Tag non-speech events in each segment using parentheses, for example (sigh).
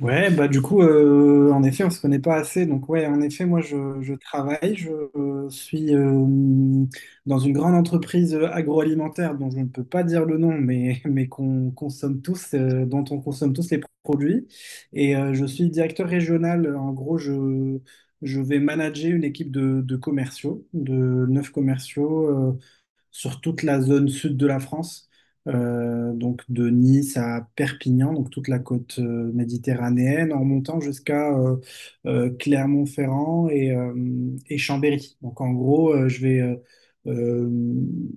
En effet, on se connaît pas assez. Donc moi, je travaille, je suis dans une grande entreprise agroalimentaire dont je ne peux pas dire le nom, mais, (laughs) mais qu'on consomme tous, dont on consomme tous les produits. Et je suis directeur régional. En gros, je vais manager une équipe de commerciaux, de neuf commerciaux sur toute la zone sud de la France, donc de Nice à Perpignan, donc toute la côte méditerranéenne, en montant jusqu'à Clermont-Ferrand et Chambéry. Donc en gros, euh,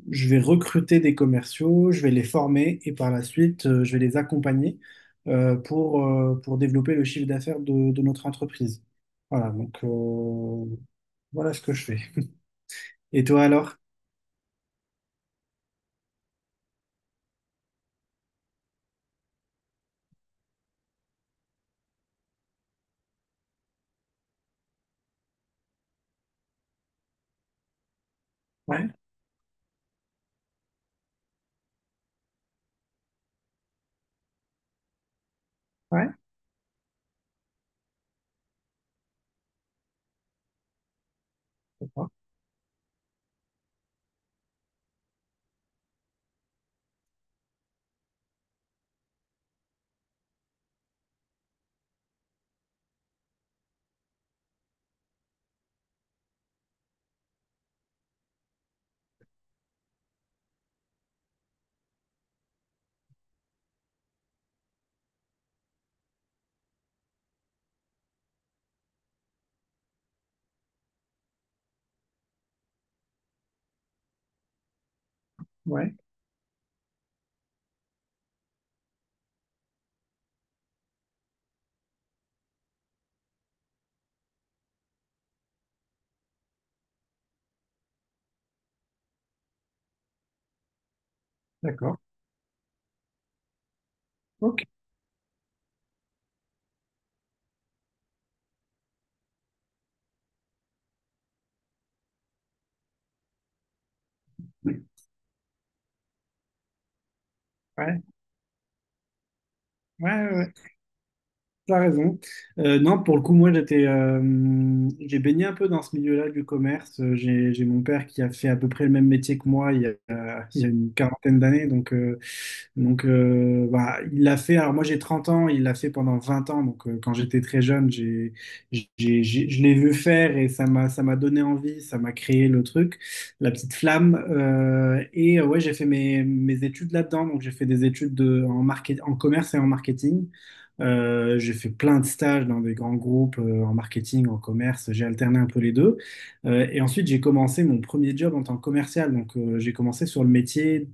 je vais recruter des commerciaux, je vais les former et par la suite, je vais les accompagner pour développer le chiffre d'affaires de notre entreprise. Voilà, voilà ce que je fais. Et toi alors? Ouais, ouais, d'accord, ouais. D'accord. Ok. Ouais, ouais, ouais, ouais. T'as raison. Non, pour le coup, moi, j'ai baigné un peu dans ce milieu-là du commerce. J'ai mon père qui a fait à peu près le même métier que moi il y a une quarantaine d'années, donc il l'a fait. Alors, moi, j'ai 30 ans, il l'a fait pendant 20 ans. Donc, quand j'étais très jeune, j'ai- je l'ai vu faire et ça m'a donné envie, ça m'a créé le truc, la petite flamme. Ouais, j'ai fait mes études là-dedans. Donc, j'ai fait des études en market, en commerce et en marketing. J'ai fait plein de stages dans des grands groupes en marketing, en commerce. J'ai alterné un peu les deux. Et ensuite, j'ai commencé mon premier job en tant que commercial. Donc, j'ai commencé sur le métier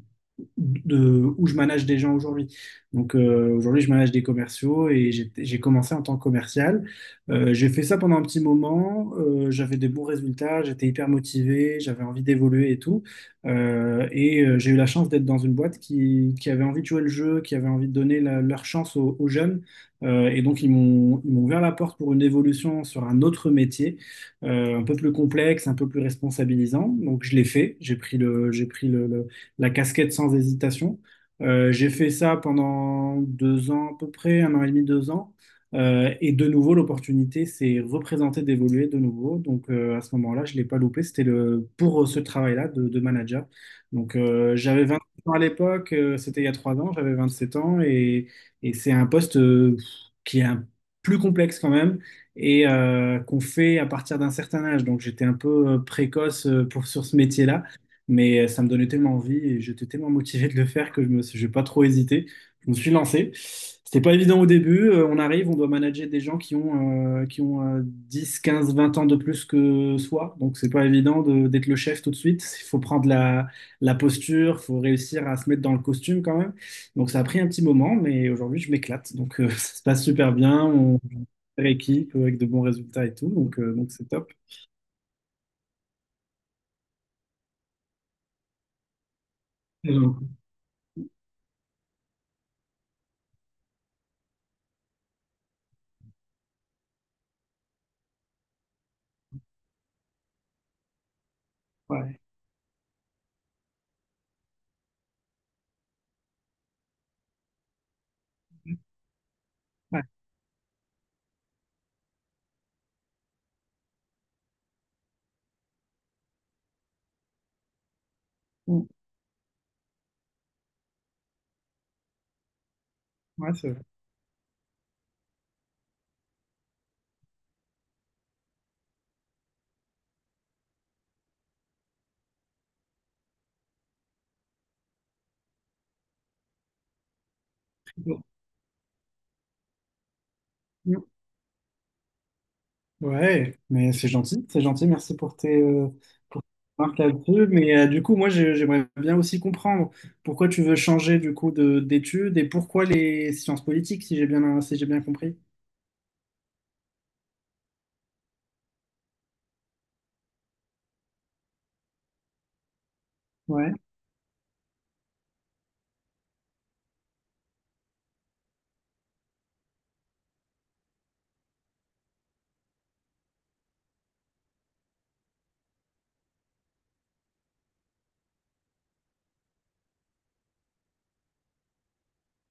de où je manage des gens aujourd'hui. Aujourd'hui, je manage des commerciaux et j'ai commencé en tant que commercial. J'ai fait ça pendant un petit moment. J'avais des bons résultats, j'étais hyper motivé, j'avais envie d'évoluer et tout. J'ai eu la chance d'être dans une boîte qui avait envie de jouer le jeu, qui avait envie de donner leur chance aux jeunes. Et donc, ils m'ont ouvert la porte pour une évolution sur un autre métier, un peu plus complexe, un peu plus responsabilisant. Donc, je l'ai fait. J'ai pris la casquette sans hésitation. J'ai fait ça pendant deux ans à peu près, un an et demi, deux ans. Et de nouveau, l'opportunité s'est représentée d'évoluer de nouveau. Donc, à ce moment-là, je ne l'ai pas loupé. C'était le, pour ce travail-là de manager. Donc, j'avais 20 ans à l'époque, c'était il y a trois ans, j'avais 27 ans et. Et c'est un poste qui est un- plus complexe quand même et qu'on fait à partir d'un certain âge. Donc j'étais un peu précoce pour, sur ce métier-là, mais ça me donnait tellement envie et j'étais tellement motivé de le faire que j'ai pas trop hésité. Je me suis lancé. C'était pas évident au début. On arrive, on doit manager des gens qui ont 10, 15, 20 ans de plus que soi. Donc c'est pas évident de- d'être le chef tout de suite. Il faut prendre la posture, il faut réussir à se mettre dans le costume quand même. Donc ça a pris un petit moment, mais aujourd'hui je m'éclate. (laughs) Ça se passe super bien, on équipe avec de bons résultats et tout, donc c'est top. Et donc, ouais, ouais, mm, ouais, c'est vrai. Mm. Ouais, mais c'est gentil, c'est gentil. Merci pour tes remarques là-dessus. Mais du coup, moi j'aimerais bien aussi comprendre pourquoi tu veux changer du coup de d'études et pourquoi les sciences politiques, si j'ai bien si j'ai bien compris. Ouais,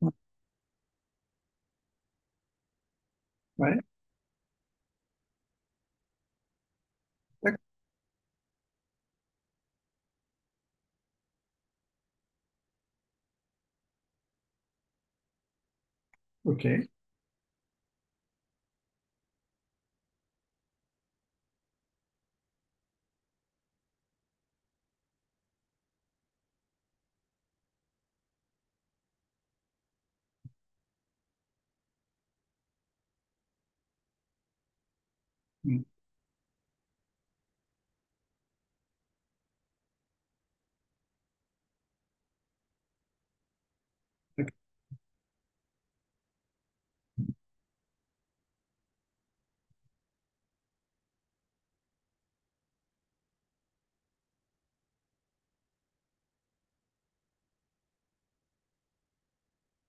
ouais, ouais, d'accord, ok. Mm, d'accord,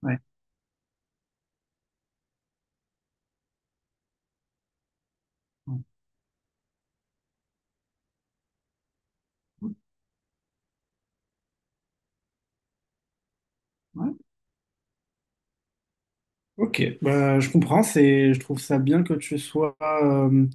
ouais, ouais, ouais. Ok, bah, je comprends, c'est, je trouve ça bien que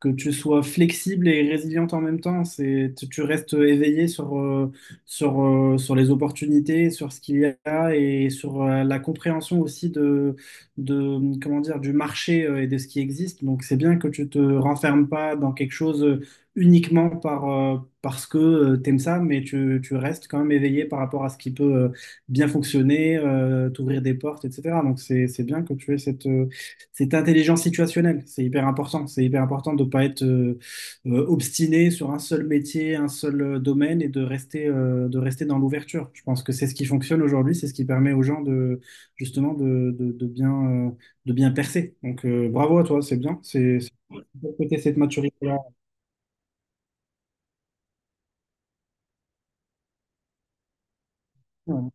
que tu sois flexible et résiliente en même temps. C'est, tu restes éveillé sur les opportunités, sur ce qu'il y a et sur la compréhension aussi de comment dire, du marché et de ce qui existe. Donc, c'est bien que tu te renfermes pas dans quelque chose uniquement par, parce que tu aimes ça, mais tu restes quand même éveillé par rapport à ce qui peut bien fonctionner, t'ouvrir des portes, etc. Donc, c'est bien que tu aies c'est intelligence situationnelle, c'est hyper important. C'est hyper important de ne pas être obstiné sur un seul métier, un seul domaine et de rester dans l'ouverture. Je pense que c'est ce qui fonctionne aujourd'hui, c'est ce qui permet aux gens de justement de bien percer. Bravo à toi, c'est bien. Faut cette maturité-là. Ouais.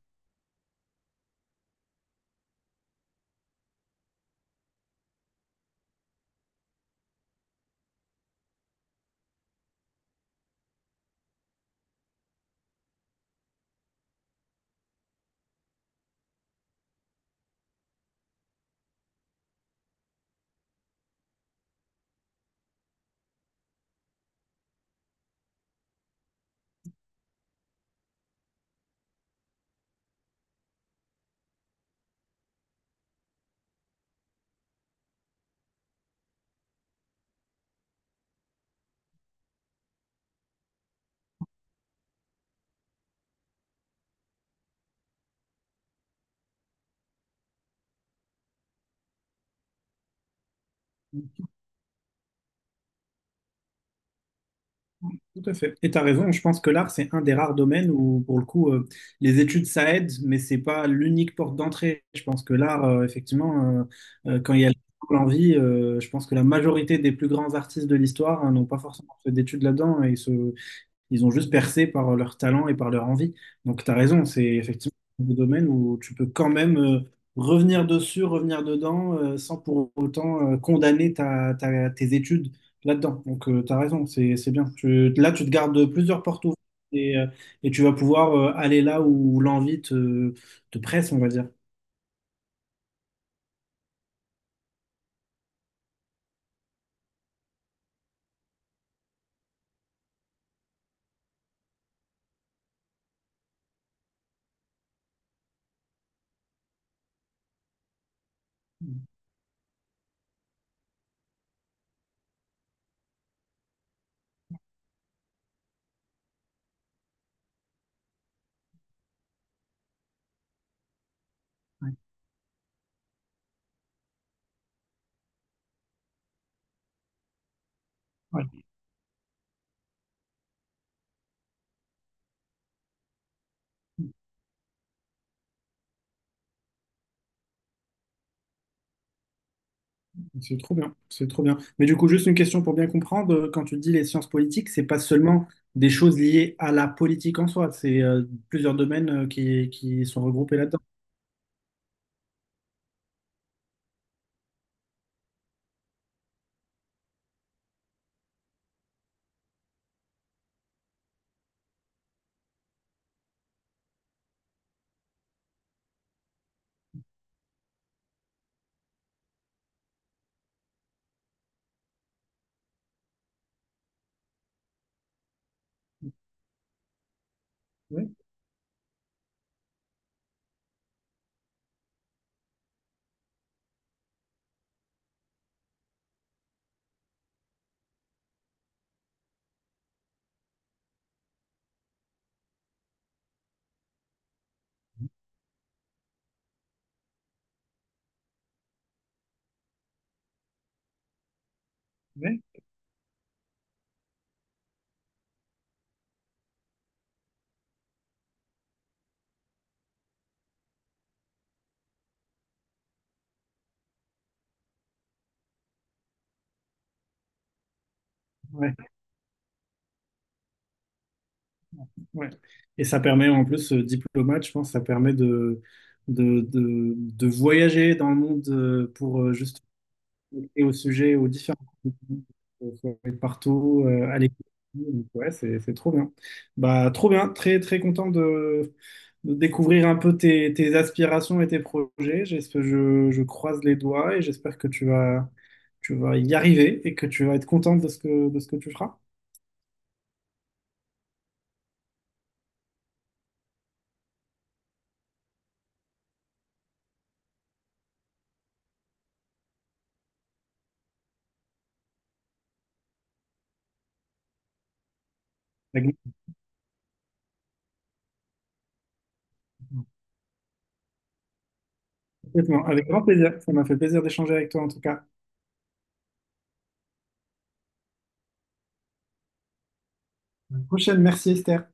Tout à fait. Et tu as raison, je pense que l'art, c'est un des rares domaines où, pour le coup, les études, ça aide, mais c'est pas l'unique porte d'entrée. Je pense que l'art, effectivement, quand il y a l'envie, je pense que la majorité des plus grands artistes de l'histoire, hein, n'ont pas forcément fait d'études là-dedans et ils ont juste percé par leur talent et par leur envie. Donc, tu as raison, c'est effectivement un domaine où tu peux quand même revenir dessus, revenir dedans, sans pour autant condamner tes études là-dedans. Donc, tu as raison, c'est bien. Là, tu te gardes plusieurs portes ouvertes et, euh, et tu vas pouvoir aller là où te presse, on va dire. Ouais. Ouais. C'est trop bien, c'est trop bien. Mais du coup, juste une question pour bien comprendre, quand tu dis les sciences politiques, c'est pas seulement des choses liées à la politique en soi, c'est plusieurs domaines qui sont regroupés là-dedans. Oui, oui, ouais, ouais. Et ça permet en plus, diplomate, je pense, ça permet de voyager dans le monde pour justement et au sujet, aux différents contenus, faut partout, à l'école Donc, Ouais, c'est trop bien. Bah, trop bien, très très content de découvrir un peu tes aspirations et tes projets. J'espère, je croise les doigts et j'espère que tu vas y arriver et que tu vas être contente de ce de ce que tu feras. Avec, Complètement. Avec grand plaisir. Ça m'a fait plaisir d'échanger avec toi en tout cas. À la prochaine. Merci Esther.